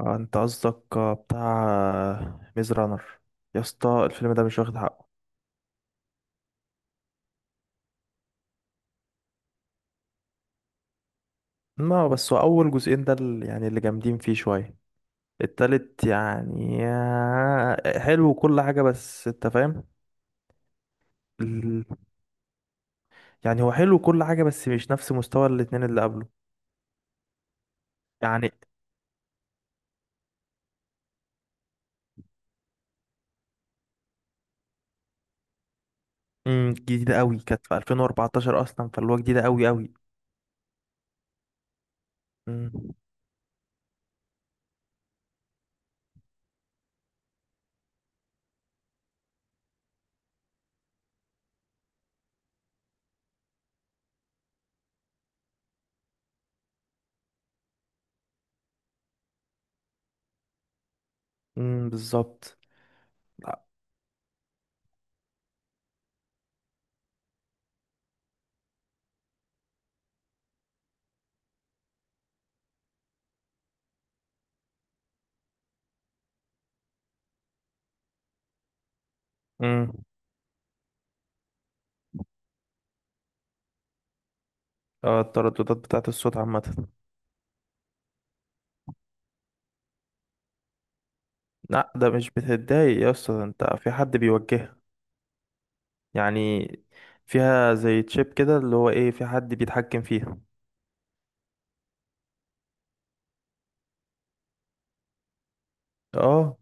انت قصدك بتاع ميز رانر. يا اسطى الفيلم ده مش واخد حقه. ما هو بس هو اول جزئين ده يعني اللي جامدين فيه شويه. التالت يعني حلو وكل حاجه، بس انت فاهم ال... يعني هو حلو وكل حاجه، بس مش نفس مستوى الاتنين اللي قبله. يعني جديده قوي، كانت في 2014 اصلا، فاللي هو جديده قوي قوي. امم، امم، بالظبط. لا. امم. اه، الترددات بتاعت الصوت عامه. لا، ده مش بتتضايق يا اسطى، ده انت في حد بيوجهك، يعني فيها زي تشيب كده، اللي هو ايه، في حد بيتحكم فيها. اه.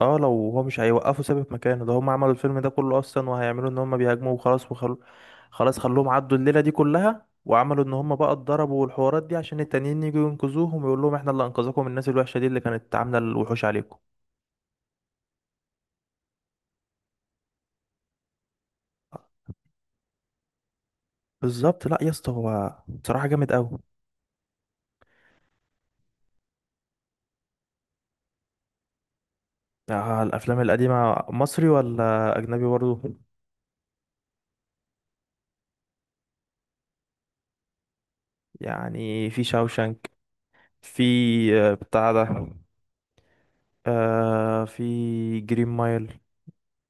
اه، لو هو مش هيوقفه ثابت مكانه، ده هم عملوا الفيلم ده كله اصلا، وهيعملوا ان هم بيهاجموا وخلاص، وخلو خلاص خلوهم عدوا الليلة دي كلها، وعملوا ان هم بقى اتضربوا، والحوارات دي عشان التانيين يجوا ينقذوهم، ويقول لهم احنا اللي انقذكم من الناس الوحشة دي اللي كانت عاملة الوحوش عليكم. بالظبط. لا يا اسطى، هو بصراحة جامد قوي. آه، الافلام القديمة مصري ولا اجنبي برضه؟ يعني في شاوشانك. في بتاع ده. في جرين مايل.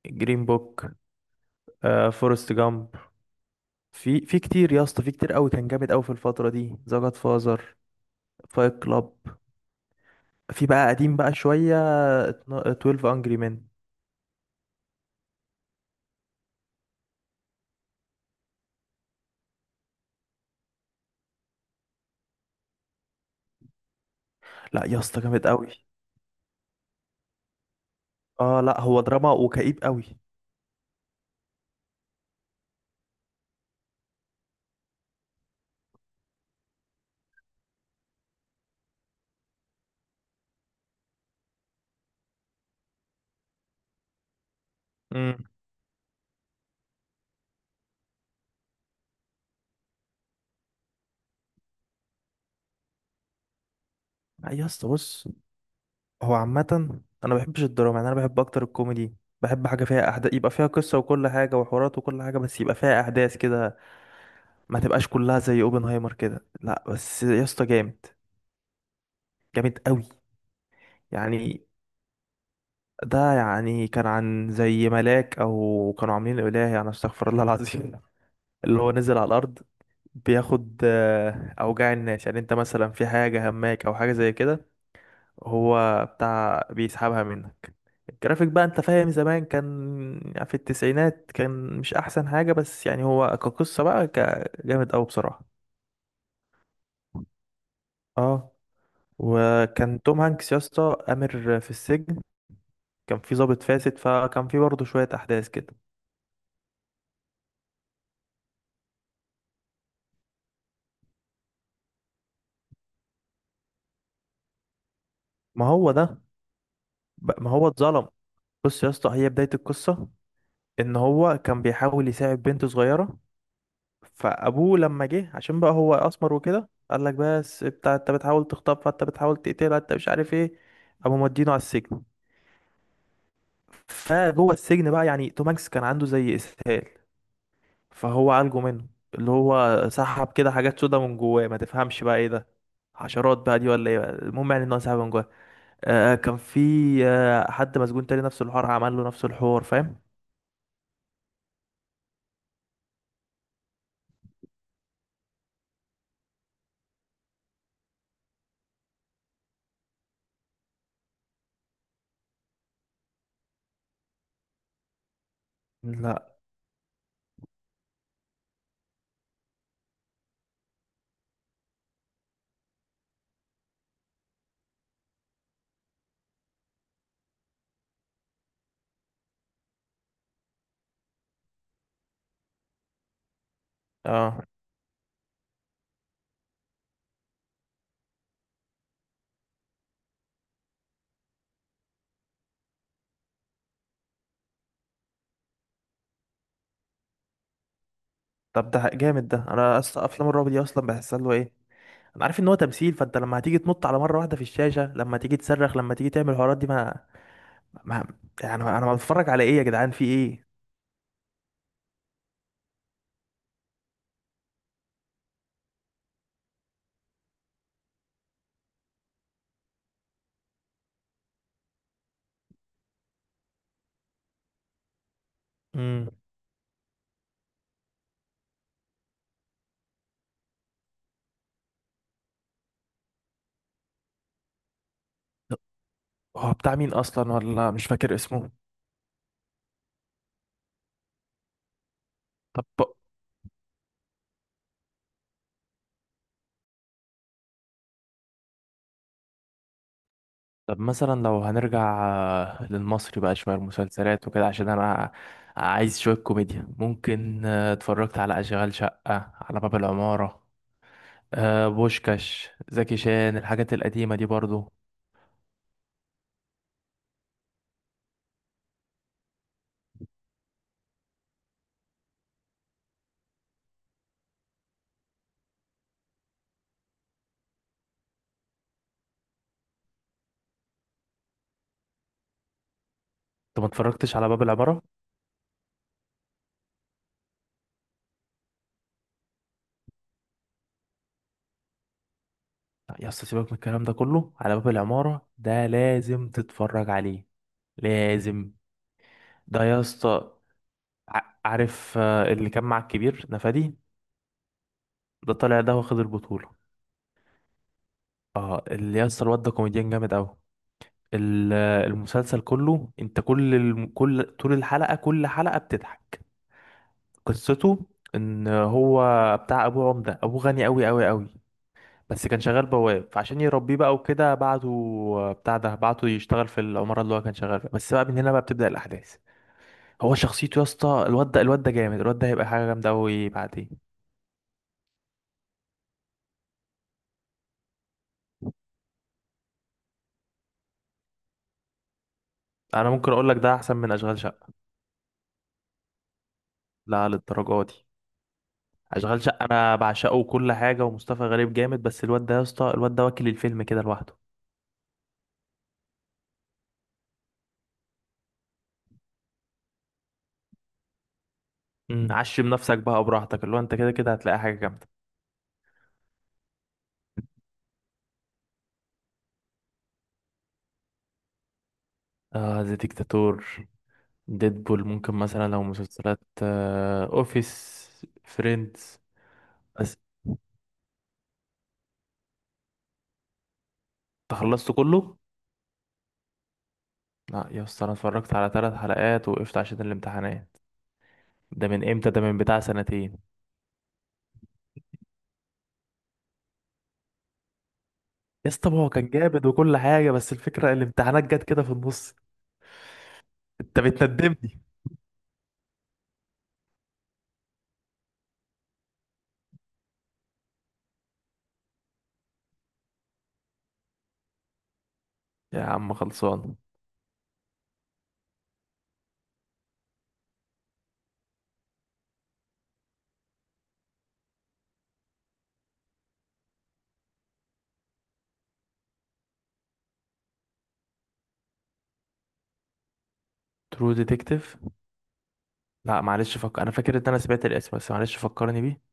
جرين بوك. فورست جامب. في كتير يا اسطى، في كتير قوي، كان جامد قوي في الفترة دي. ذا جاد فازر. فايت كلاب. في بقى قديم بقى شوية. 12 انجري مان. لا يا اسطى جامد قوي. اه، لا، هو دراما وكئيب قوي. امم. لا يا اسطى بص. هو عامة انا ما بحبش الدراما، يعني انا بحب اكتر الكوميدي. بحب حاجة فيها أحداث، يبقى فيها قصة وكل حاجة وحوارات وكل حاجة، بس يبقى فيها أحداث كده. ما تبقاش كلها زي اوبنهايمر كده. لا بس يا اسطى، جامد جامد قوي. يعني ده يعني كان عن زي ملاك، او كانوا عاملين اله، يعني استغفر الله العظيم. اللي هو نزل على الارض، بياخد اوجاع الناس. يعني انت مثلا في حاجه هماك او حاجه زي كده، هو بتاع بيسحبها منك. الجرافيك بقى، انت فاهم، زمان كان، يعني في التسعينات، كان مش احسن حاجه، بس يعني هو كقصه بقى، جامد قوي بصراحه. اه، وكان توم هانكس يا اسطى امر في السجن. كان في ضابط فاسد، فكان في برضه شويه احداث كده. ما هو ده. ما هو اتظلم. بص يا اسطى، هي بداية القصة ان هو كان بيحاول يساعد بنت صغيرة. فابوه لما جه، عشان بقى هو اسمر وكده، قال لك بس بتاع انت بتحاول تخطفها، انت بتحاول تقتلها، انت مش عارف ايه. قاموا مودينه على السجن. فجوه السجن بقى، يعني توماكس كان عنده زي اسهال، فهو عالجه منه. اللي هو سحب كده حاجات سودا من جواه، ما تفهمش بقى ايه ده، حشرات بقى دي ولا ايه بقى. المهم يعني ان هو سحب من جواه. كان في حد مسجون تاني نفس الحوار، عمل له نفس الحوار، فاهم. لا. اه، طب ده جامد. ده انا اصلا افلام الرعب دي اصلا بحسها اللي هو ايه. انا عارف ان هو تمثيل، فانت لما هتيجي تنط على مره واحده في الشاشه، لما تيجي تصرخ، لما تيجي تعمل الحوارات دي، ما يعني انا بتفرج على ايه يا جدعان، في ايه. امم. هو بتاع مين اصلا، ولا مش فاكر اسمه. طب، مثلا لو هنرجع للمصري بقى شوية المسلسلات وكده، عشان أنا عايز شوية كوميديا. ممكن، اتفرجت على أشغال شقة، على باب العمارة، بوشكاش زكي شان، الحاجات القديمة دي برضو. أنت ما اتفرجتش على باب العمارة؟ لا، يا اسطى، سيبك من الكلام ده كله، على باب العمارة ده لازم تتفرج عليه. لازم. ده يا اسطى، عارف اللي كان مع الكبير نفادي، ده طالع ده واخد البطولة. اه، اللي يا اسطى الواد ده كوميديان جامد أوي. ال- المسلسل كله، انت كل طول الحلقة، كل حلقة بتضحك. قصته ان هو بتاع ابو عمدة، ابو غني قوي قوي قوي، بس كان شغال بواب، فعشان يربيه بقى وكده بعته، بتاع ده بعته يشتغل في العمارة اللي هو كان شغال فيها، بس بقى من هنا بقى بتبدأ الأحداث. هو شخصيته يا اسطى الواد ده، الواد ده جامد، الواد ده هيبقى حاجة جامدة قوي بعدين. انا ممكن اقول لك ده احسن من اشغال شقة. لا، للدرجة دي. اشغال شقة انا بعشقه وكل حاجة، ومصطفى غريب جامد، بس الواد ده يا اسطى، الواد ده واكل الفيلم كده لوحده. عشم نفسك بقى براحتك، اللي هو انت كده كده هتلاقي حاجة جامدة. آه، زي ديكتاتور، ديدبول. ممكن مثلا لو مسلسلات، آه اوفيس، فريندز. بس انت خلصت كله؟ لا يا اسطى، انا اتفرجت على ثلاث حلقات، وقفت عشان الامتحانات. ده من امتى؟ ده من بتاع سنتين. يا اسطى ما هو كان جامد وكل حاجة، بس الفكرة الامتحانات جت كده في النص. انت بتندمني. يا عم خلصان. ترو ديتكتيف. لا معلش، انا فاكر ان انا سمعت الاسم، بس معلش فكرني بيه.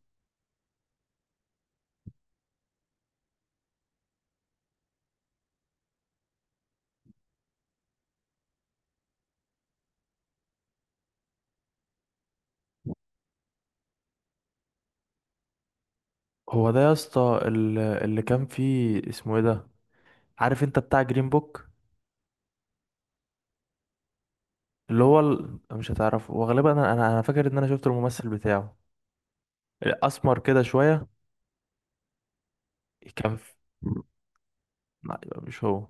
هو ده يا اسطى، اللي كان فيه اسمه ايه ده، عارف انت، بتاع جرين بوك. اللي هو مش هتعرفه، وغالبا انا انا أنا فاكر ان انا شفت الممثل بتاعه اسمر كده شويه، كان في... لا، يبقى مش هو.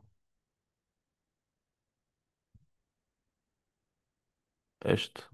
قشطه.